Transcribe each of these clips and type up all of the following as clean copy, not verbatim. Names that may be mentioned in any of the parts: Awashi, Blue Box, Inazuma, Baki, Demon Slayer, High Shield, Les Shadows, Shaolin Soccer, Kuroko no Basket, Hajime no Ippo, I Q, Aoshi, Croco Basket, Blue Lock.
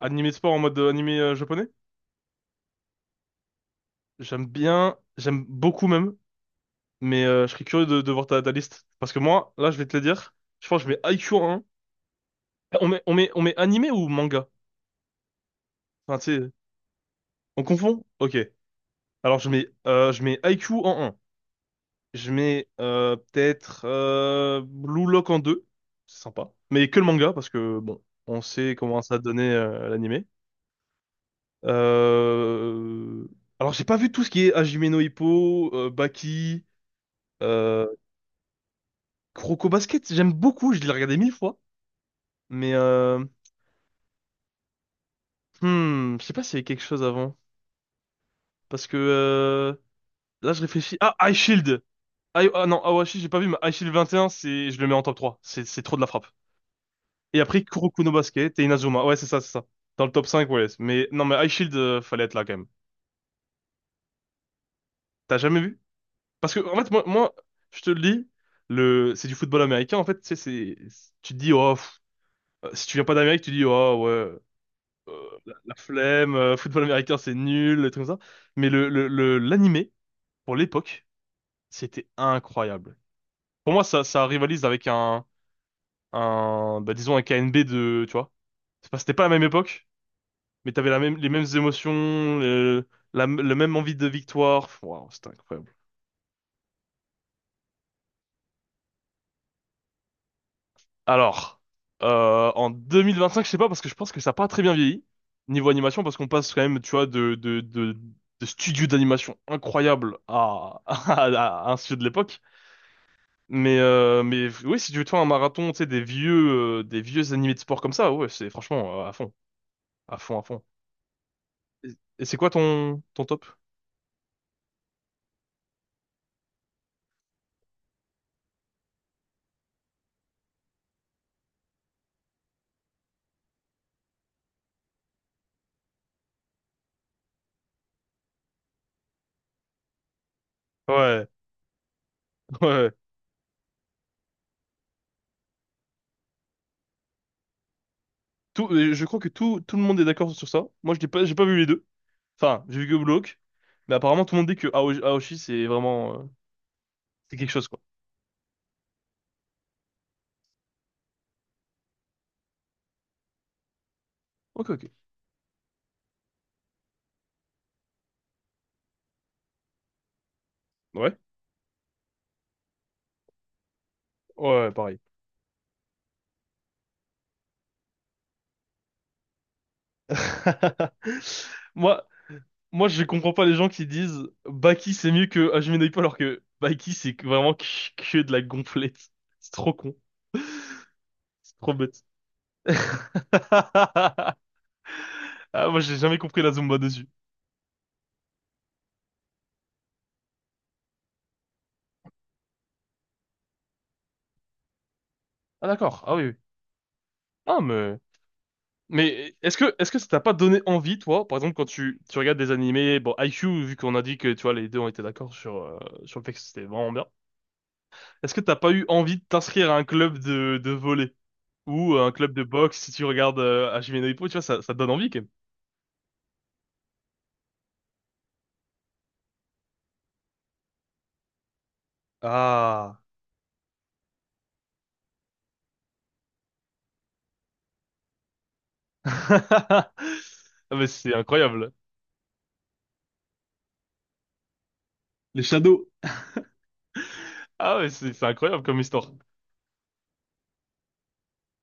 Animé de sport en mode animé japonais? J'aime bien, j'aime beaucoup même, mais je serais curieux de voir ta liste. Parce que moi, là, je vais te le dire, je pense que je mets I Q en un. On met animé ou manga? Enfin, tu sais, on confond? Ok. Alors, je mets I Q en un. Je mets peut-être Blue Lock en 2. C'est sympa. Mais que le manga, parce que, bon, on sait comment ça donnait l'animé. Euh... Alors, j'ai pas vu tout ce qui est Hajime no Ippo, Baki... euh, Croco Basket, j'aime beaucoup, je l'ai regardé 1 000 fois. Mais je sais pas s'il y avait quelque chose avant. Parce que là, je réfléchis. Ah, High Shield! Ah non, Awashi, j'ai pas vu, mais High Shield 21, c'est, je le mets en top trois. C'est trop de la frappe. Et après, Kuroko no Basket et Inazuma. Ouais, c'est ça, c'est ça. Dans le top cinq, ouais. Mais non, mais High Shield, fallait être là quand même. T'as jamais vu? Parce que, en fait, moi, moi, je te le dis, c'est du football américain. En fait, tu sais, c'est. Tu te dis, oh, pff, si tu viens pas d'Amérique, tu dis, oh, ouais. La flemme, football américain, c'est nul, des trucs comme ça. Mais l'animé, pour l'époque, c'était incroyable. Pour moi, ça rivalise avec bah, disons un k n b tu vois. C'était pas la même époque, mais t'avais la même, les mêmes émotions, le, le même envie de victoire. Waouh, c'était incroyable. Alors, en 2025, je sais pas, parce que je pense que ça a pas très bien vieilli, niveau animation, parce qu'on passe quand même, tu vois, de studios d'animation incroyables à, à un studio de l'époque. Mais oui, si tu veux te faire un marathon, tu sais, des vieux animés de sport comme ça, ouais, c'est franchement à fond, à fond, à fond. Et, et c'est quoi ton, ton top? Ouais, ouais. Je crois que tout le monde est d'accord sur ça. Moi, je n'ai pas, j'ai pas vu les deux. Enfin, j'ai vu que Block, mais apparemment, tout le monde dit que Aoshi, c'est quelque chose, quoi. Ok, ok. Ouais, ouais, pareil. Moi, moi, je comprends pas les gens qui disent Baki c'est mieux que Hajime no Ippo, alors que Baki, vraiment que de la gonflette. C'est trop con, c'est trop bête. Ah, moi, j'ai jamais compris la Zumba dessus. Ah d'accord, ah oui, oui. Ah, mais est-ce que ça t'a pas donné envie, toi, par exemple, quand tu regardes des animés? Bon, IQ, vu qu'on a dit que, tu vois, les deux ont été d'accord sur le fait que c'était vraiment bien. Est-ce que t'as pas eu envie de t'inscrire à un club de volley ou à un club de boxe? Si tu regardes Hajime no Ippo, tu vois, ça te donne envie quand même. Ah. Ah, mais c'est incroyable. Les Shadows. Ah ouais, c'est incroyable comme histoire.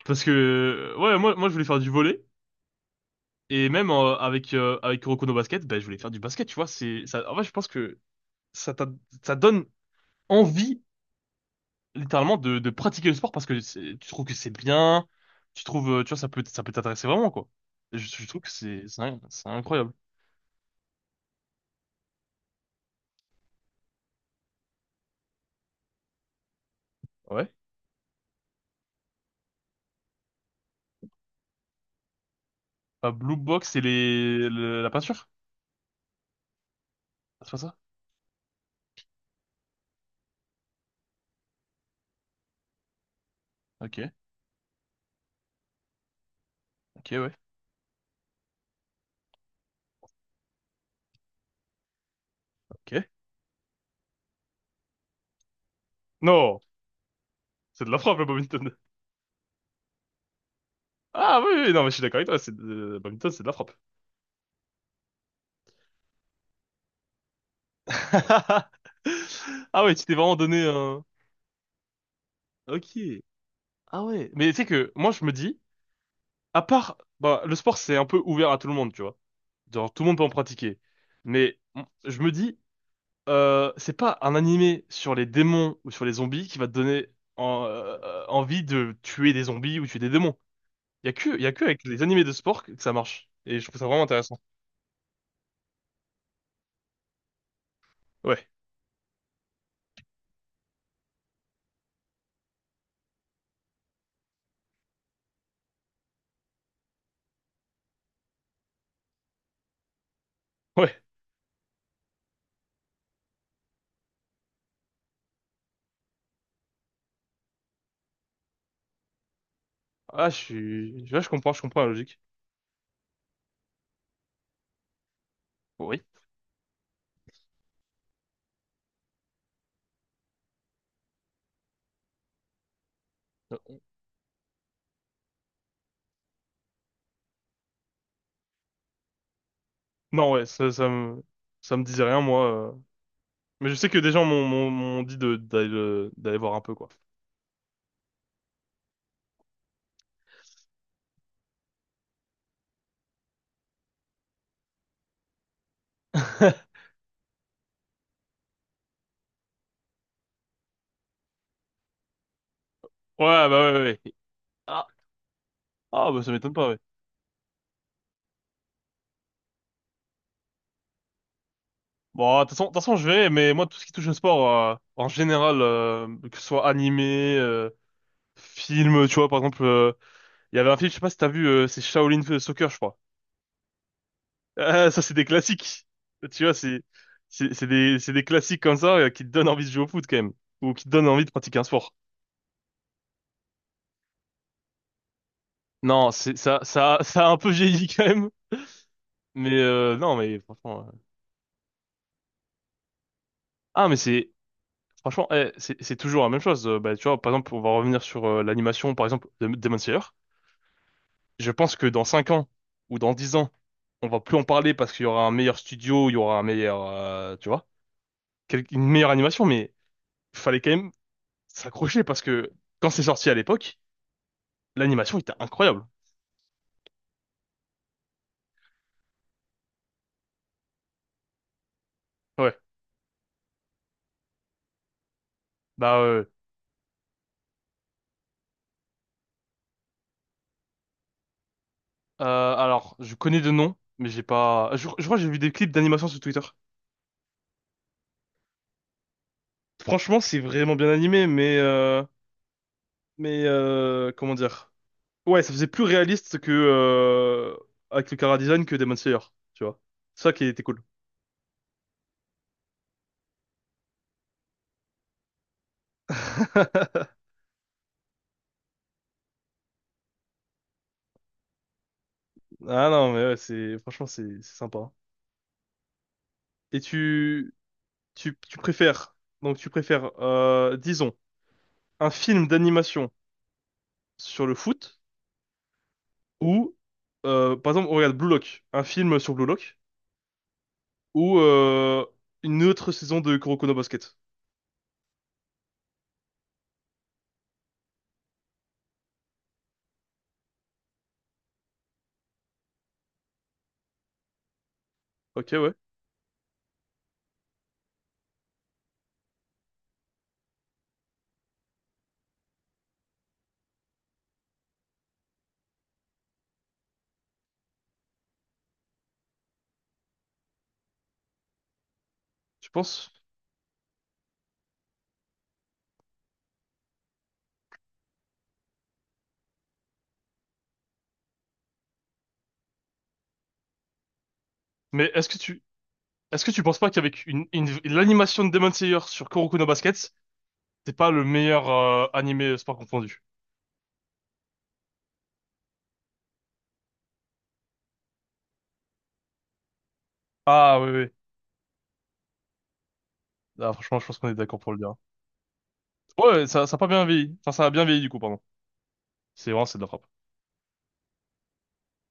Parce que ouais, moi, moi, je voulais faire du volley et même avec Kuroko no Basket, ben je voulais faire du basket, tu vois. C'est ça, en vrai, je pense que ça t'a- ça donne envie littéralement de pratiquer le sport, parce que tu trouves que c'est bien, tu vois, ça peut t'intéresser vraiment, quoi. Et je trouve que c'est incroyable. Ouais. Pas Blue Box et la peinture? Ah, c'est pas ça? OK. OK, ouais. OK. Non. C'est de la frappe, le badminton. Ah oui, oui, non, mais je suis d'accord avec toi, le badminton, c'est de la frappe. Ah ouais, tu t'es vraiment donné un... Ok. Ah ouais. Mais tu sais que, moi, je me dis, à part... Bah, le sport, c'est un peu ouvert à tout le monde, tu vois. Genre, tout le monde peut en pratiquer. Mais je me dis, c'est pas un animé sur les démons ou sur les zombies qui va te donner envie de tuer des zombies ou tuer des démons. Il y a que avec les animés de sport que ça marche. Et je trouve ça vraiment intéressant. Ouais. Ouais. Ah, ouais, je comprends la logique. Oui. Non, ouais, ça me disait rien, moi. Mais je sais que des gens m'ont dit d'aller voir un peu, quoi. Ouais, bah ouais, ouais, ouais. Ah, ah bah ça m'étonne pas, ouais. Bon, de toute façon, je verrai, mais moi, tout ce qui touche au sport, en général, que ce soit animé, film, tu vois, par exemple, il y avait un film, je sais pas si t'as vu, c'est Shaolin Soccer, je crois. Ah, ça, c'est des classiques. Tu vois, c'est des classiques comme ça qui te donnent envie de jouer au foot quand même. Ou qui te donnent envie de pratiquer un sport. Non, ça a un peu vieilli quand même. Mais, non, mais franchement. Ah, mais franchement, eh, c'est toujours la même chose. Bah, tu vois, par exemple, on va revenir sur l'animation, par exemple, de Demon Slayer. Je pense que dans 5 ans ou dans 10 ans, on va plus en parler, parce qu'il y aura un meilleur studio, il y aura un meilleur, tu vois, une meilleure animation. Mais fallait quand même s'accrocher, parce que quand c'est sorti à l'époque, l'animation était incroyable. Ouais. Bah, euh, alors, je connais de nom, mais j'ai pas. Je crois que j'ai vu des clips d'animation sur Twitter. Franchement, c'est vraiment bien animé, comment dire? Ouais, ça faisait plus réaliste que avec le chara design que Demon Slayer, tu vois. C'est ça qui était cool. Ah non, mais ouais, c'est franchement c'est sympa, hein. Et tu tu tu préfères donc tu préfères disons un film d'animation sur le foot. Ou, par exemple, on regarde Blue Lock, un film sur Blue Lock, ou une autre saison de Kuroko no Basket. Ok, ouais, tu penses. Mais est-ce que tu penses pas qu'avec l'animation de Demon Slayer sur Kuroko no Basket, c'est pas le meilleur animé sport confondu? Ah oui, oui. Ah, franchement, je pense qu'on est d'accord pour le dire. Ouais, ça a pas bien vieilli. Enfin, ça a bien vieilli, du coup, pardon. C'est de la frappe.